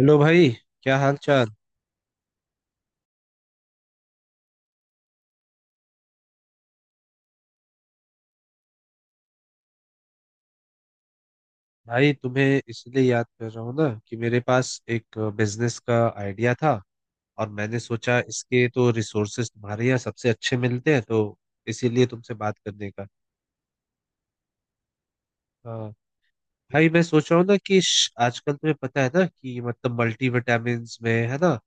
Hello भाई। क्या हाल चाल। भाई तुम्हें इसलिए याद कर रहा हूँ ना कि मेरे पास एक बिजनेस का आइडिया था। और मैंने सोचा इसके तो रिसोर्सेज तुम्हारे यहाँ सबसे अच्छे मिलते हैं तो इसीलिए तुमसे बात करने का। हाँ भाई, मैं सोच रहा हूँ ना कि आजकल तुम्हें पता है ना कि मतलब मल्टीविटामिन्स में है ना।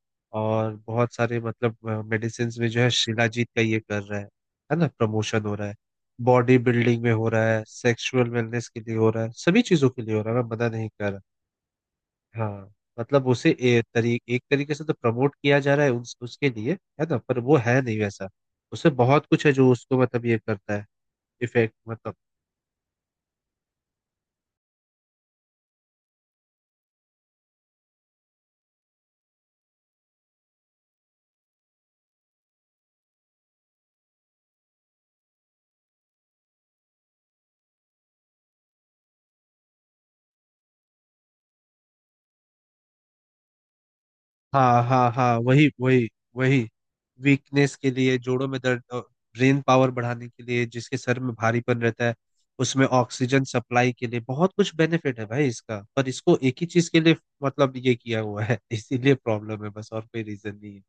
और बहुत सारे मतलब मेडिसिन में जो है, शिलाजीत का ये कर रहा है ना, प्रमोशन हो रहा है। बॉडी बिल्डिंग में हो रहा है, सेक्सुअल वेलनेस के लिए हो रहा है, सभी चीजों के लिए हो रहा है, मैं मना नहीं कर रहा। हाँ, मतलब उसे एक तरीके से तो प्रमोट किया जा रहा है उसके लिए, है ना, पर वो है नहीं वैसा। उसे बहुत कुछ है जो उसको मतलब ये करता है, इफेक्ट मतलब। हाँ हाँ हाँ, वही वही वही। वीकनेस के लिए, जोड़ों में दर्द, ब्रेन पावर बढ़ाने के लिए, जिसके सर में भारीपन रहता है उसमें ऑक्सीजन सप्लाई के लिए, बहुत कुछ बेनिफिट है भाई इसका। पर इसको एक ही चीज के लिए मतलब ये किया हुआ है इसीलिए प्रॉब्लम है, बस और कोई रीजन नहीं है।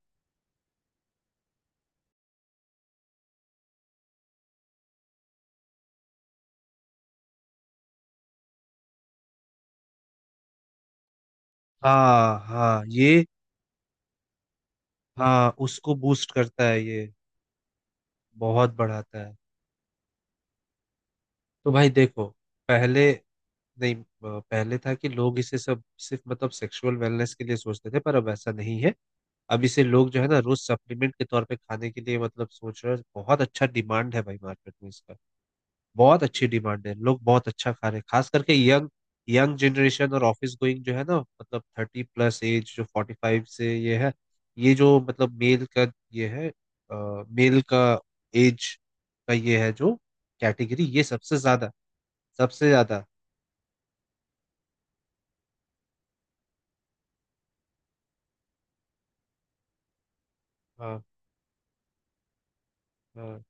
हाँ हाँ, ये। हाँ, उसको बूस्ट करता है ये, बहुत बढ़ाता है। तो भाई देखो, पहले, नहीं अ, पहले था कि लोग इसे सब सिर्फ मतलब सेक्सुअल वेलनेस के लिए सोचते थे, पर अब ऐसा नहीं है। अब इसे लोग जो है ना, रोज सप्लीमेंट के तौर पे खाने के लिए मतलब सोच रहे हैं। बहुत अच्छा डिमांड है भाई मार्केट में इसका, बहुत अच्छी डिमांड है। लोग बहुत अच्छा खा रहे हैं, खास करके यंग, यंग जनरेशन और ऑफिस गोइंग जो है ना, मतलब थर्टी प्लस एज, जो फोर्टी फाइव से ये है। ये जो मतलब मेल का ये है, मेल का एज का ये है, जो कैटेगरी, ये सबसे ज्यादा, सबसे ज्यादा। हाँ हाँ,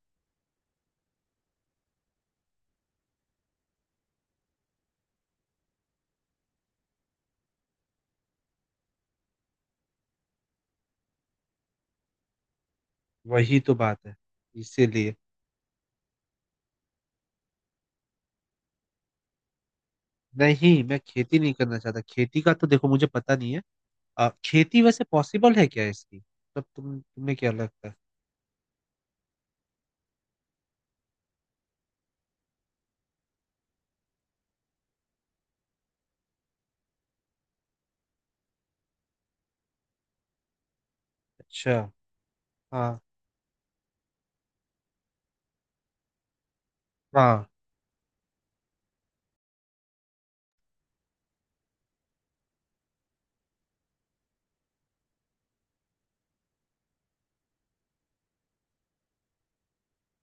वही तो बात है, इसीलिए। नहीं, मैं खेती नहीं करना चाहता। खेती का तो देखो मुझे पता नहीं है। खेती वैसे पॉसिबल है क्या इसकी। तब तुम्हें क्या लगता है। अच्छा। हाँ हाँ,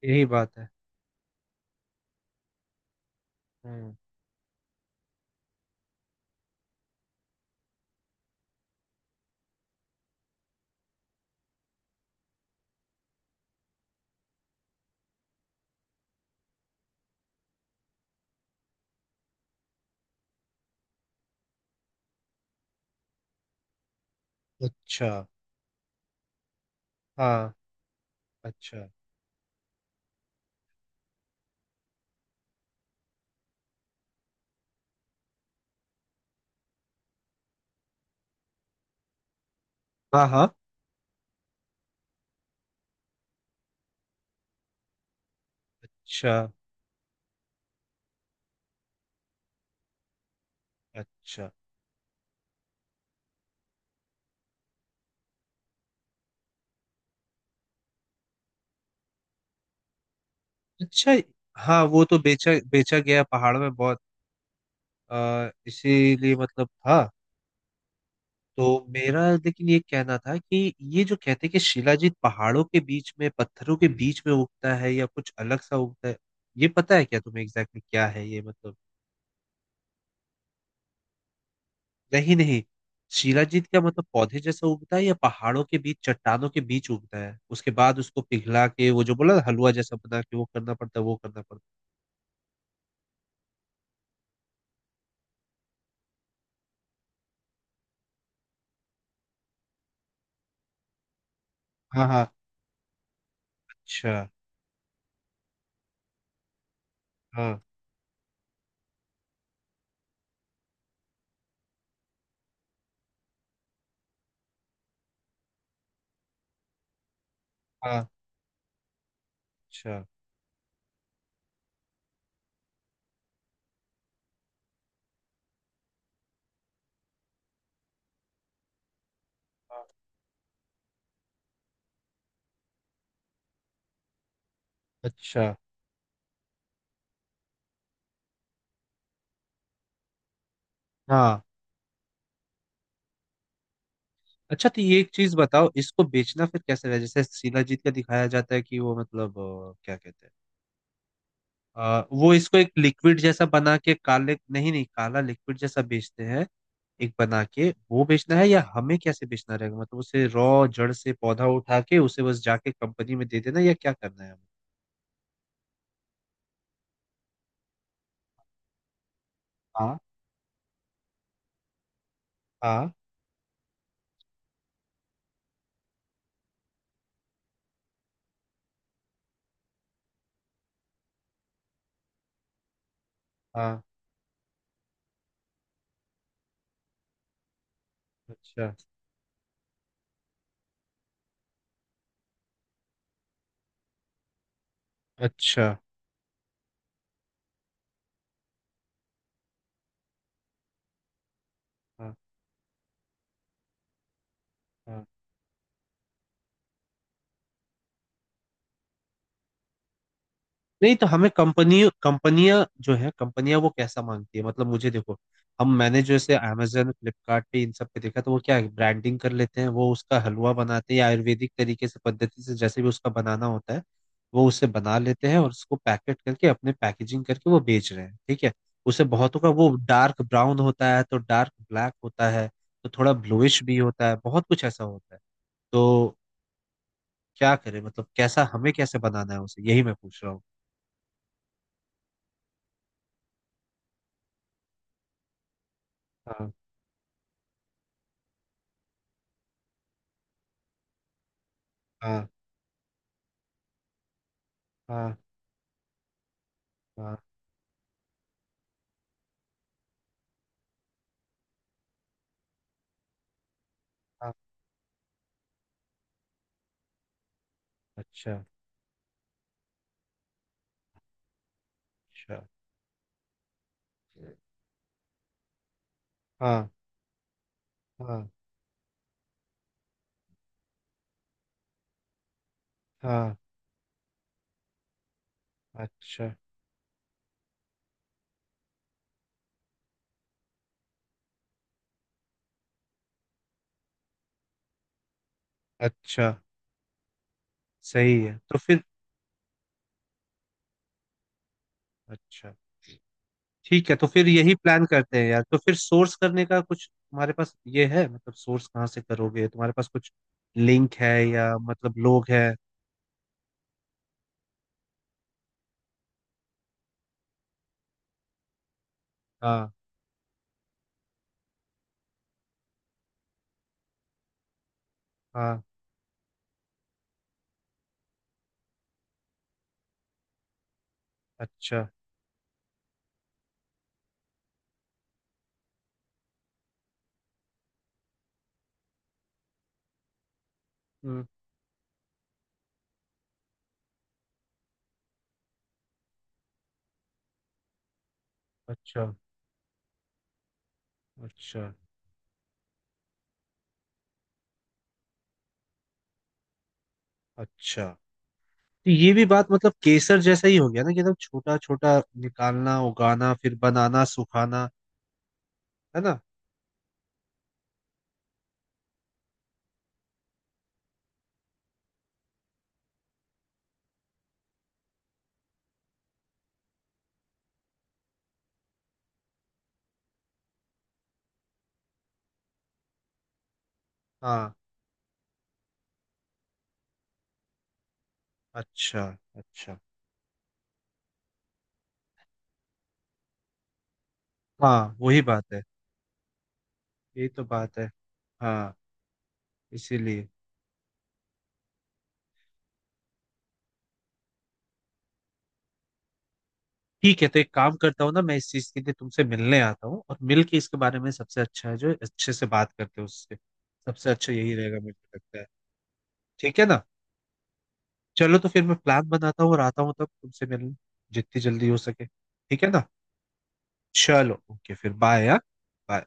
यही बात है। हम्म। अच्छा। हाँ। अच्छा। हाँ हाँ। अच्छा। अच्छा। अच्छा। हाँ, वो तो बेचा बेचा गया पहाड़ में बहुत। इसीलिए मतलब था। तो मेरा लेकिन ये कहना था कि ये जो कहते हैं कि शिलाजीत पहाड़ों के बीच में पत्थरों के बीच में उगता है, या कुछ अलग सा उगता है, ये पता है क्या तुम्हें एग्जैक्टली exactly क्या है ये मतलब। नहीं नहीं, शिलाजीत क्या मतलब पौधे जैसा उगता है, या पहाड़ों के बीच चट्टानों के बीच उगता है, उसके बाद उसको पिघला के वो जो बोला ना, हलवा जैसा बना के वो करना पड़ता है, वो करना पड़ता है। हाँ हाँ, है। अच्छा। हाँ हाँ। अच्छा। हाँ। अच्छा। हाँ। अच्छा। तो ये एक चीज बताओ, इसको बेचना फिर कैसे रहा। जैसे शिलाजीत का दिखाया जाता है कि वो मतलब, क्या कहते हैं, वो इसको एक लिक्विड जैसा बना के, काले, नहीं नहीं, काला लिक्विड जैसा बेचते हैं, एक बना के वो बेचना है, या हमें कैसे बेचना रहेगा। मतलब उसे रॉ, जड़ से पौधा उठा के उसे बस जाके कंपनी में दे देना, या क्या करना है हमें। हाँ हाँ हाँ। अच्छा। अच्छा। हाँ हाँ। नहीं तो हमें कंपनी कंपनियां जो है, कंपनियां वो कैसा मांगती है मतलब। मुझे देखो, हम मैंने जो ऐसे amazon फ्लिपकार्ट पे इन सब पे देखा, तो वो क्या है, ब्रांडिंग कर लेते हैं, वो उसका हलवा बनाते हैं, या आयुर्वेदिक तरीके से, पद्धति से, जैसे भी उसका बनाना होता है वो उसे बना लेते हैं, और उसको पैकेट करके, अपने पैकेजिंग करके वो बेच रहे हैं, ठीक है। उसे बहुतों का वो डार्क ब्राउन होता है, तो डार्क ब्लैक होता है, तो थोड़ा ब्लूइश भी होता है, बहुत कुछ ऐसा होता है। तो क्या करें मतलब, कैसा, हमें कैसे बनाना है उसे, यही मैं पूछ रहा हूँ। हाँ हाँ हाँ हाँ। अच्छा। अच्छा। हाँ हाँ हाँ। अच्छा। अच्छा। सही है, तो फिर। अच्छा। ठीक है, तो फिर यही प्लान करते हैं यार। तो फिर सोर्स करने का कुछ तुम्हारे पास ये है, मतलब सोर्स कहाँ से करोगे, तुम्हारे पास कुछ लिंक है, या मतलब लोग हैं। हाँ हाँ। अच्छा। हम्म। अच्छा। अच्छा। अच्छा। तो ये भी बात, मतलब केसर जैसा ही हो गया ना, कि एकदम छोटा छोटा निकालना, उगाना, फिर बनाना, सुखाना, है ना। हाँ। अच्छा। अच्छा। हाँ, वही बात है, यही तो बात है। हाँ, इसीलिए। ठीक है, तो एक काम करता हूँ ना, मैं इस चीज के लिए तुमसे मिलने आता हूँ, और मिल के इसके बारे में, सबसे अच्छा है जो अच्छे से बात करते हैं उससे, सबसे अच्छा यही रहेगा मुझे लगता है। ठीक है ना। चलो, तो फिर मैं प्लान बनाता हूँ और आता हूँ तब तुमसे मिलने, जितनी जल्दी हो सके, ठीक है ना। चलो ओके, फिर बाय। हाँ, बाय।